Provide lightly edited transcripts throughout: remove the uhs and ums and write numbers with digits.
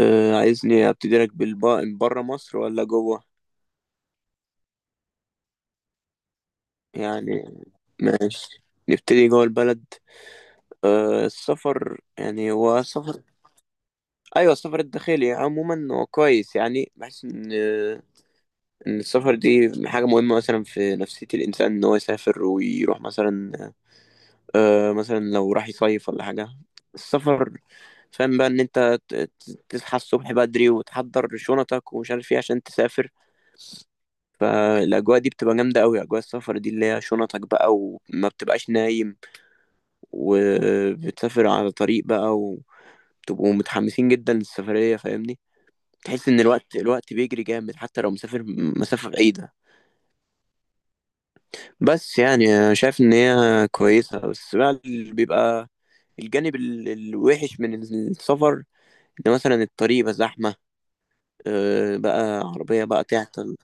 عايزني ابتدي لك بره مصر ولا جوه؟ يعني ماشي، نبتدي جوه البلد. السفر يعني هو سفر. ايوه، السفر الداخلي عموما هو كويس، يعني بحس ان ان السفر دي حاجه مهمه مثلا في نفسيه الانسان، ان هو يسافر ويروح مثلا. مثلا لو راح يصيف ولا حاجه السفر. فاهم بقى ان انت تصحى الصبح بدري وتحضر شنطك ومش عارف ايه عشان تسافر. فالاجواء دي بتبقى جامده قوي، اجواء السفر دي اللي هي شنطك بقى وما بتبقاش نايم، وبتسافر على طريق بقى، وبتبقوا متحمسين جدا للسفريه فاهمني. تحس ان الوقت بيجري جامد حتى لو مسافر مسافه بعيده. بس يعني أنا شايف ان هي كويسه، بس بقى اللي بيبقى الجانب الوحش من السفر ان مثلا الطريق بقى زحمه، بقى عربيه بقى تعطل.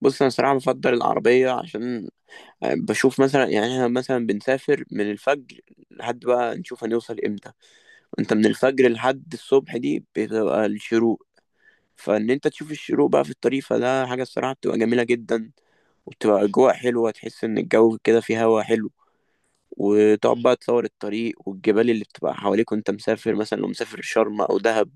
بص انا صراحه بفضل العربيه، عشان بشوف مثلا، يعني احنا مثلا بنسافر من الفجر لحد بقى نشوف هنوصل امتى. انت من الفجر لحد الصبح دي بتبقى الشروق، فان انت تشوف الشروق بقى في الطريق، فده حاجة الصراحة بتبقى جميلة جدا. وبتبقى اجواء حلوة، تحس ان الجو كده فيه هوا حلو، وتقعد بقى تصور الطريق والجبال اللي بتبقى حواليك وانت مسافر، مثلا لو مسافر شرم او دهب.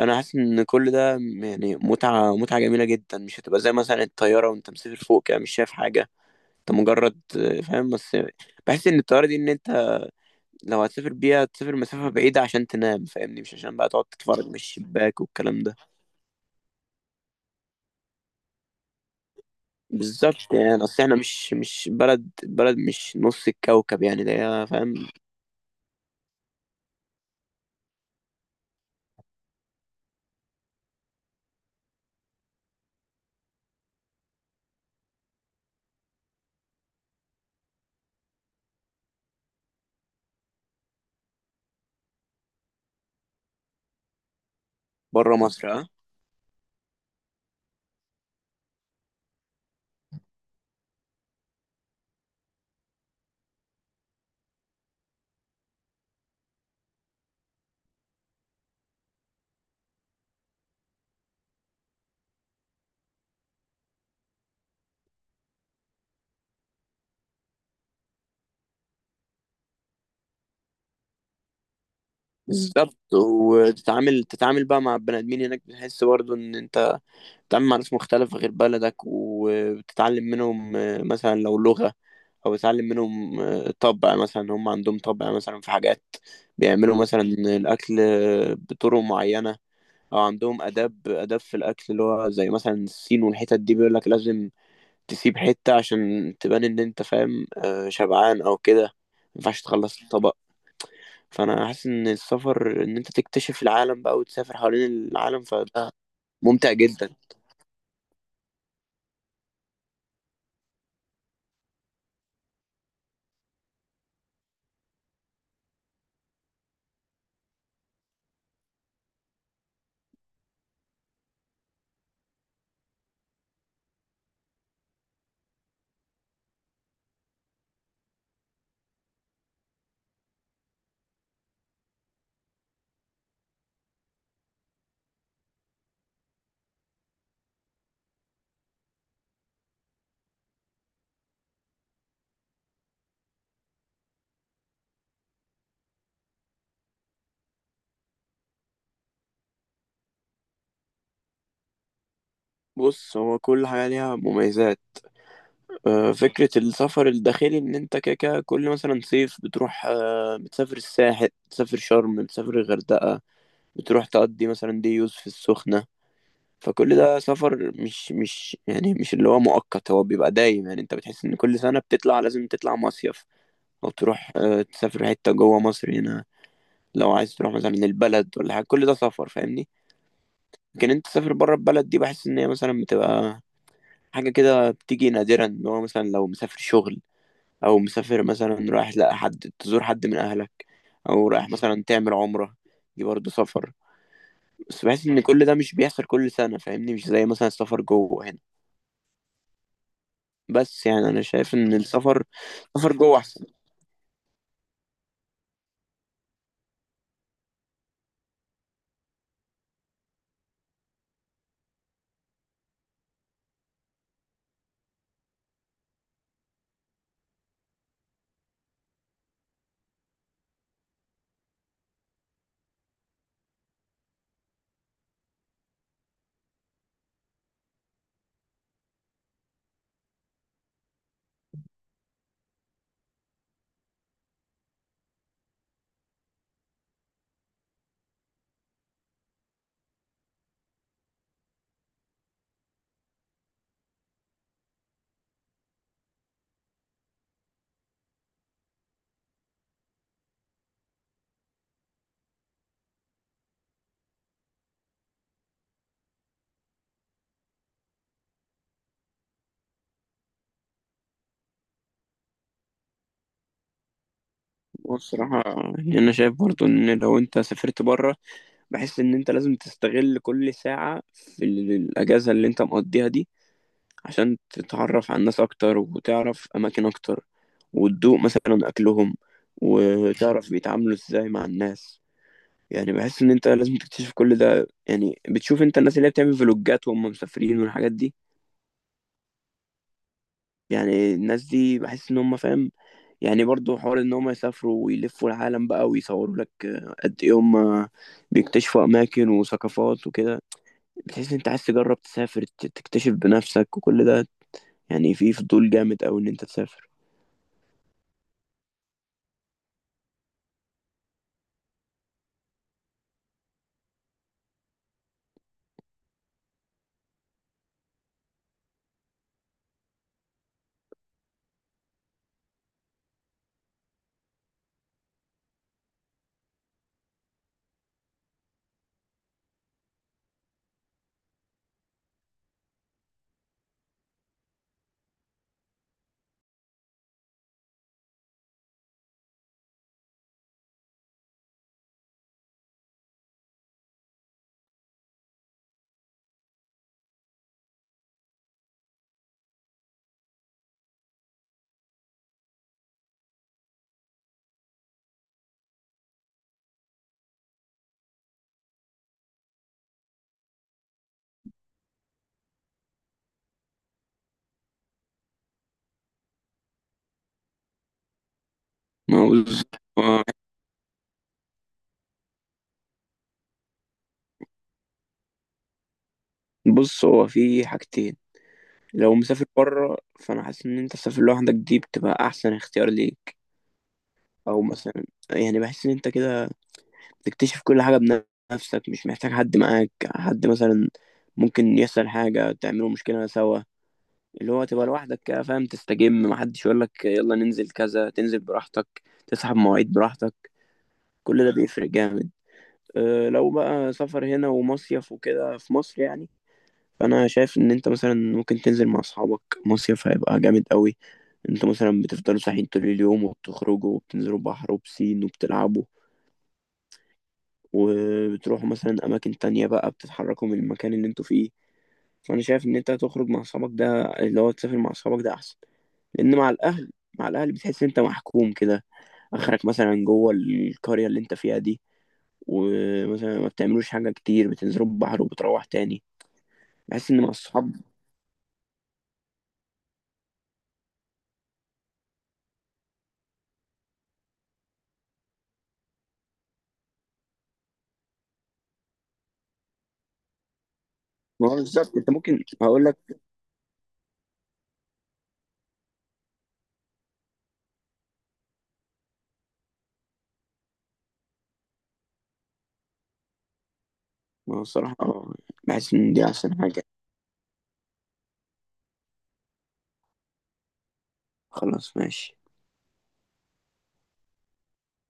انا حاسس ان كل ده يعني متعة، متعة جميلة جدا، مش هتبقى زي مثلا الطيارة وانت مسافر فوق كده مش شايف حاجة. انت مجرد فاهم بس. بحس ان الطياره دي ان انت لو هتسافر بيها تسافر مسافه بعيده عشان تنام فاهمني، مش عشان بقى تقعد تتفرج من الشباك والكلام ده. بالظبط، يعني اصل احنا مش بلد بلد، مش نص الكوكب يعني، ده هي، فاهم. بره مصر اه. بالظبط، وتتعامل بقى مع البني ادمين هناك، بتحس برضه ان انت بتتعامل مع ناس مختلفة غير بلدك، وبتتعلم منهم مثلا لو لغة، أو بتتعلم منهم طبع. مثلا هم عندهم طبع مثلا في حاجات، بيعملوا مثلا الأكل بطرق معينة. أو عندهم آداب في الأكل، اللي هو زي مثلا الصين والحتت دي بيقولك لازم تسيب حتة عشان تبان إن أنت فاهم شبعان أو كده، مينفعش تخلص الطبق. فأنا حاسس إن السفر، إن أنت تكتشف العالم بقى وتسافر حوالين العالم، فده ممتع جدا. بص، هو كل حاجة ليها مميزات. فكرة السفر الداخلي إن أنت كده كده كل مثلا صيف بتروح، بتسافر الساحل، بتسافر شرم، بتسافر الغردقة، بتروح تقضي مثلا دي يوز في السخنة. فكل ده سفر، مش يعني مش اللي هو مؤقت، هو بيبقى دايم. يعني أنت بتحس إن كل سنة بتطلع لازم تطلع مصيف، أو تروح تسافر حتة جوه مصر هنا، لو عايز تروح مثلا البلد ولا حاجة، كل ده سفر فاهمني. لكن أنت تسافر بره البلد دي، بحس إن هي مثلا بتبقى حاجة كده بتيجي نادرا. ان هو مثلا لو مسافر شغل، او مسافر مثلا رايح لا حد تزور حد من اهلك، او رايح مثلا تعمل عمرة، دي برضه سفر. بس بحس ان كل ده مش بيحصل كل سنة فاهمني، مش زي مثلا السفر جوه هنا. بس يعني انا شايف ان السفر، السفر جوه احسن. والصراحة يعني انا شايف برضه ان لو انت سافرت بره، بحس ان انت لازم تستغل كل ساعة في الاجازة اللي انت مقضيها دي، عشان تتعرف على الناس أكتر وتعرف أماكن أكتر وتدوق مثلا أكلهم وتعرف بيتعاملوا إزاي مع الناس. يعني بحس إن أنت لازم تكتشف كل ده. يعني بتشوف أنت الناس اللي هي بتعمل فلوجات وهم مسافرين والحاجات دي، يعني الناس دي بحس إن هم فاهم، يعني برضو حوار إن هم يسافروا ويلفوا العالم بقى ويصوروا لك قد إيه هم بيكتشفوا أماكن وثقافات وكده. بتحس إن أنت عايز تجرب تسافر تكتشف بنفسك وكل ده، يعني في فضول جامد أوي إن أنت تسافر. ما هو بص هو- بص، هو في حاجتين. لو مسافر بره، فانا حاسس ان انت تسافر لوحدك دي بتبقى احسن اختيار ليك. او مثلا، يعني بحس ان انت كده بتكتشف كل حاجه بنفسك، مش محتاج حد معاك، حد مثلا ممكن يحصل حاجه تعملوا مشكله سوا. اللي هو تبقى لوحدك كده فاهم، تستجم، محدش يقول لك يلا ننزل كذا، تنزل براحتك، تسحب مواعيد براحتك. كل ده بيفرق جامد. أه، لو بقى سفر هنا ومصيف وكده في مصر يعني، فانا شايف ان انت مثلا ممكن تنزل مع اصحابك مصيف، هيبقى جامد قوي. انتوا مثلا بتفضلوا صاحيين طول اليوم، وبتخرجوا وبتنزلوا بحر وبسين وبتلعبوا، وبتروحوا مثلا اماكن تانية بقى، بتتحركوا من المكان اللي انتوا فيه. فانا شايف ان انت تخرج مع اصحابك ده، اللي هو تسافر مع اصحابك ده احسن. لان مع الاهل بتحس ان انت محكوم كده، اخرك مثلا جوه القريه اللي انت فيها دي، ومثلا ما بتعملوش حاجه كتير، بتنزلوا البحر وبتروح تاني. بحس ان مع الصحاب. ما هو بالظبط، انت ممكن هقول لك. ما هو الصراحة بحس إن دي أحسن حاجة. خلاص، ماشي.